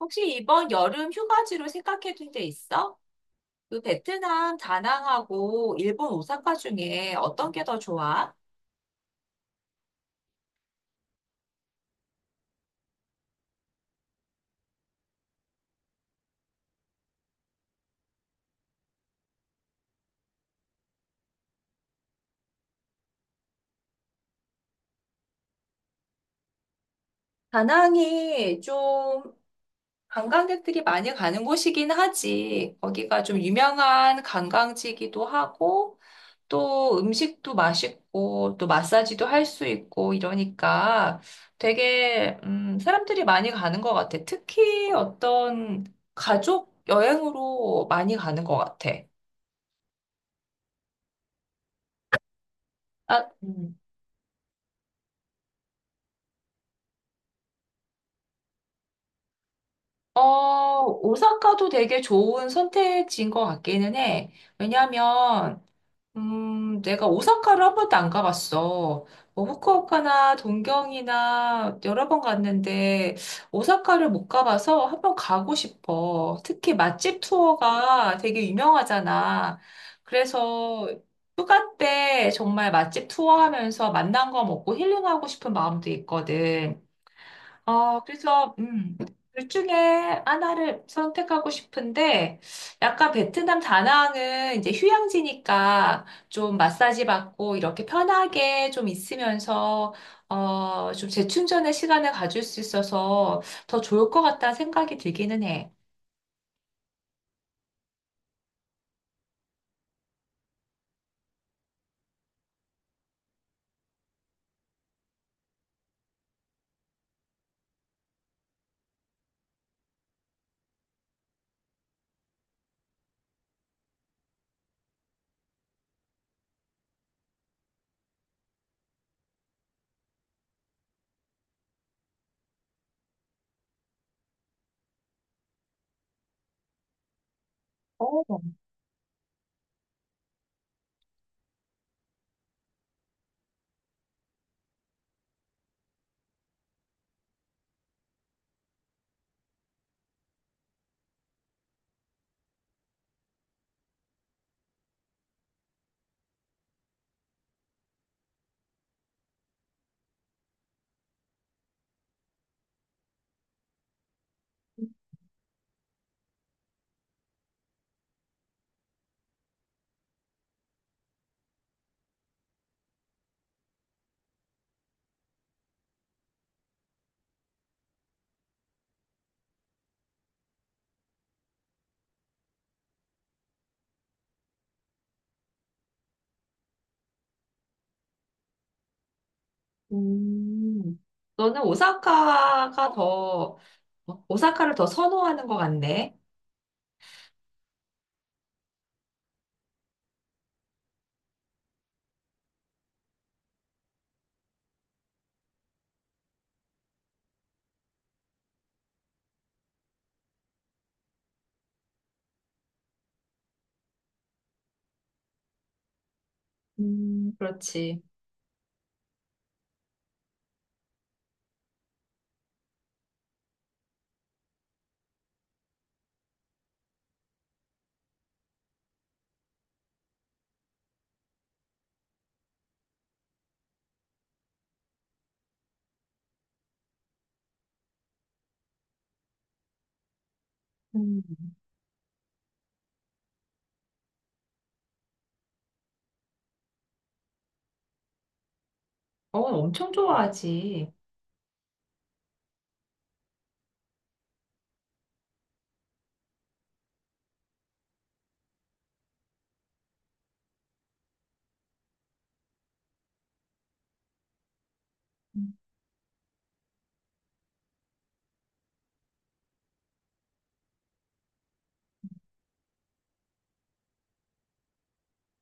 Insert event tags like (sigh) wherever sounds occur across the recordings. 혹시 이번 여름 휴가지로 생각해 둔 데 있어? 그 베트남 다낭하고 일본 오사카 중에 어떤 게 더 좋아? 다낭이 좀 관광객들이 많이 가는 곳이긴 하지. 거기가 좀 유명한 관광지이기도 하고, 또 음식도 맛있고, 또 마사지도 할 수 있고, 이러니까 되게, 사람들이 많이 가는 것 같아. 특히 어떤 가족 여행으로 많이 가는 것 같아. 아, 오사카도 되게 좋은 선택지인 것 같기는 해. 왜냐면, 내가 오사카를 한 번도 안 가봤어. 뭐, 후쿠오카나 동경이나 여러 번 갔는데, 오사카를 못 가봐서 한 번 가고 싶어. 특히 맛집 투어가 되게 유명하잖아. 그래서 휴가 때 정말 맛집 투어 하면서 맛난 거 먹고 힐링하고 싶은 마음도 있거든. 그래서 둘 중에 하나를 선택하고 싶은데, 약간 베트남 다낭은 이제 휴양지니까 좀 마사지 받고 이렇게 편하게 좀 있으면서, 좀 재충전의 시간을 가질 수 있어서 더 좋을 것 같다는 생각이 들기는 해. 어, 음. 너는 오사카를 더 선호하는 것 같네. 그렇지. 음, 어, 엄청 좋아하지.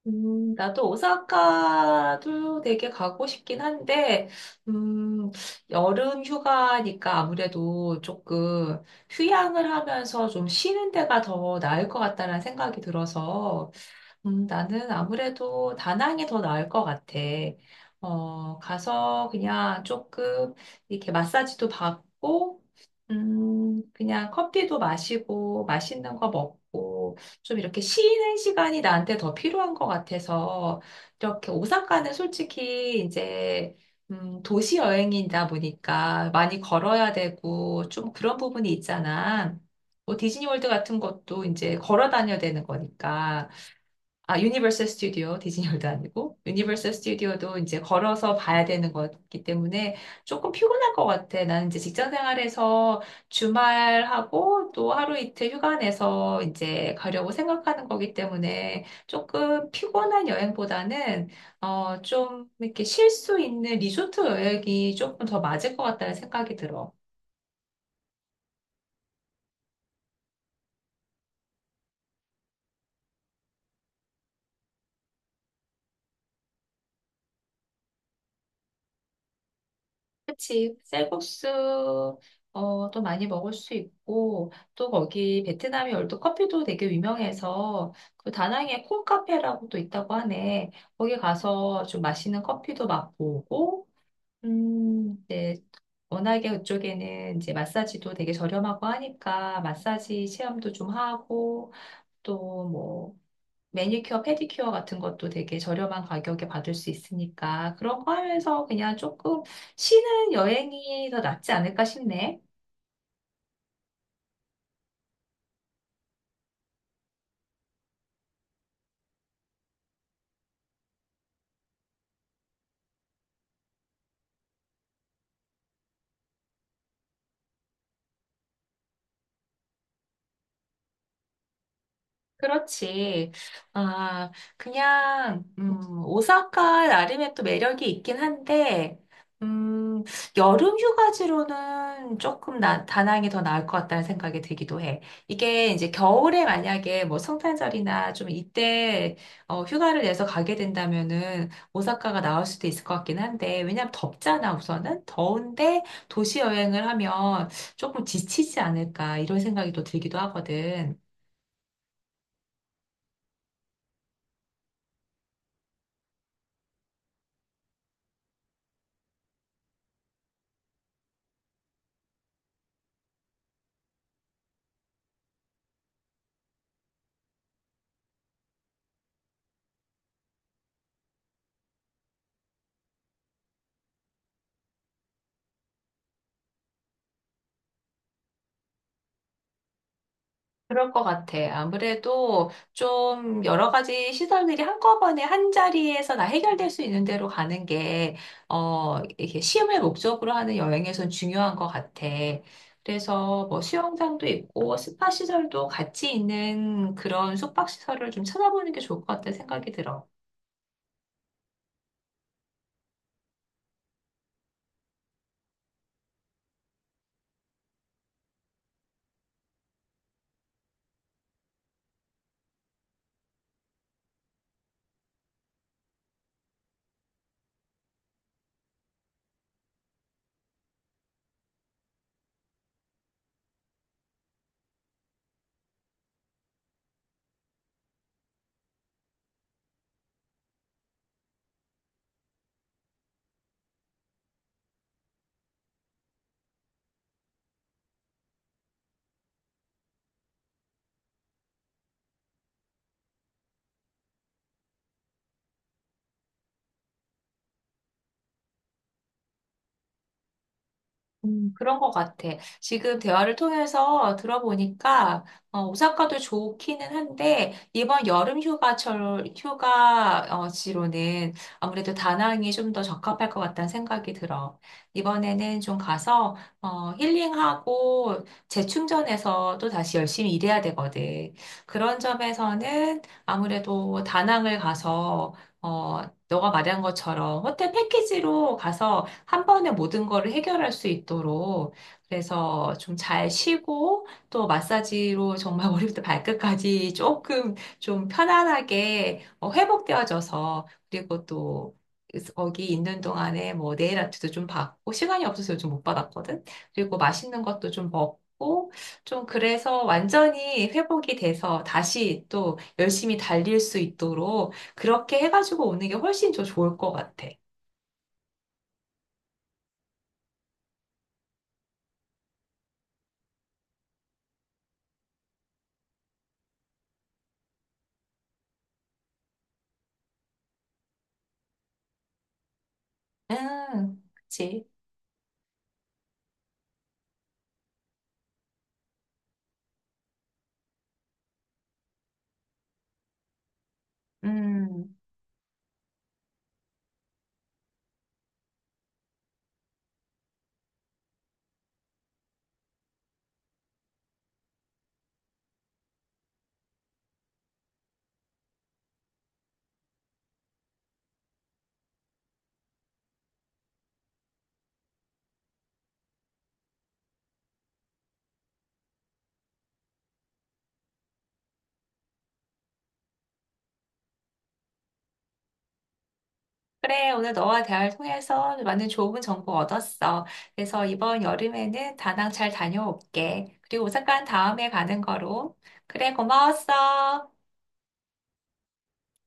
나도 오사카도 되게 가고 싶긴 한데, 음, 여름 휴가니까 아무래도 조금 휴양을 하면서 좀 쉬는 데가 더 나을 것 같다는 생각이 들어서, 나는 아무래도 다낭이 더 나을 것 같아. 가서 그냥 조금 이렇게 마사지도 받고, 그냥 커피도 마시고, 맛있는 거 먹고, 좀 이렇게 쉬는 시간이 나한테 더 필요한 것 같아서, 이렇게 오사카는 솔직히 이제, 도시 여행이다 보니까 많이 걸어야 되고, 좀 그런 부분이 있잖아. 뭐 디즈니월드 같은 것도 이제 걸어 다녀야 되는 거니까. 아, 유니버설 스튜디오, 디즈니월드 아니고, 유니버설 스튜디오도 이제 걸어서 봐야 되는 거기 때문에 조금 피곤할 것 같아. 나는 이제 직장 생활에서 주말하고 또 하루 이틀 휴가 내서 이제 가려고 생각하는 거기 때문에 조금 피곤한 여행보다는, 좀 이렇게 쉴 수 있는 리조트 여행이 조금 더 맞을 것 같다는 생각이 들어. 그치. 쌀국수, 어, 도 많이 먹을 수 있고, 또 거기 베트남이 얼도 커피도 되게 유명해서, 그 다낭에 콩카페라고 또 있다고 하네. 거기 가서 좀 맛있는 커피도 맛보고, 이제 워낙에 그쪽에는 이제 마사지도 되게 저렴하고 하니까, 마사지 체험도 좀 하고, 또뭐 매니큐어, 페디큐어 같은 것도 되게 저렴한 가격에 받을 수 있으니까 그런 거 하면서 그냥 조금 쉬는 여행이 더 낫지 않을까 싶네. 그렇지. 아, 그냥, 오사카 나름의 또 매력이 있긴 한데, 음, 여름 휴가지로는 조금 다낭이 더 나을 것 같다는 생각이 들기도 해. 이게 이제 겨울에 만약에 뭐 성탄절이나 좀 이때 휴가를 내서 가게 된다면은 오사카가 나을 수도 있을 것 같긴 한데, 왜냐면 덥잖아, 우선은. 더운데 도시 여행을 하면 조금 지치지 않을까, 이런 생각이 또 들기도 하거든. 그럴 것 같아. 아무래도 좀 여러 가지 시설들이 한꺼번에 한 자리에서 다 해결될 수 있는 대로 가는 게, 이렇게 시험을 목적으로 하는 여행에선 중요한 것 같아. 그래서 뭐 수영장도 있고 스파 시설도 같이 있는 그런 숙박 시설을 좀 찾아보는 게 좋을 것 같다는 생각이 들어. 그런 것 같아. 지금 대화를 통해서 들어보니까, 오사카도 좋기는 한데, 이번 여름 휴가철, 휴가지로는 아무래도 다낭이 좀 더 적합할 것 같다는 생각이 들어. 이번에는 좀 가서, 힐링하고 재충전해서 또 다시 열심히 일해야 되거든. 그런 점에서는 아무래도 다낭을 가서, 어, 너가 말한 것처럼 호텔 패키지로 가서 한 번에 모든 거를 해결할 수 있도록 그래서 좀 잘 쉬고 또 마사지로 정말 (laughs) 머리부터 발끝까지 조금 좀 편안하게 회복되어져서 그리고 또 거기 있는 동안에 뭐 네일 아트도 좀 받고 시간이 없어서 요즘 못 받았거든. 그리고 맛있는 것도 좀 먹고 좀 그래서 완전히 회복이 돼서 다시 또 열심히 달릴 수 있도록 그렇게 해가지고 오는 게 훨씬 더 좋을 것 같아. 음. 그치. 음, 그래. 오늘 너와 대화를 통해서 많은 좋은 정보 얻었어. 그래서 이번 여름에는 다낭 잘 다녀올게. 그리고 오사카는 다음에 가는 거로. 그래, 고마웠어.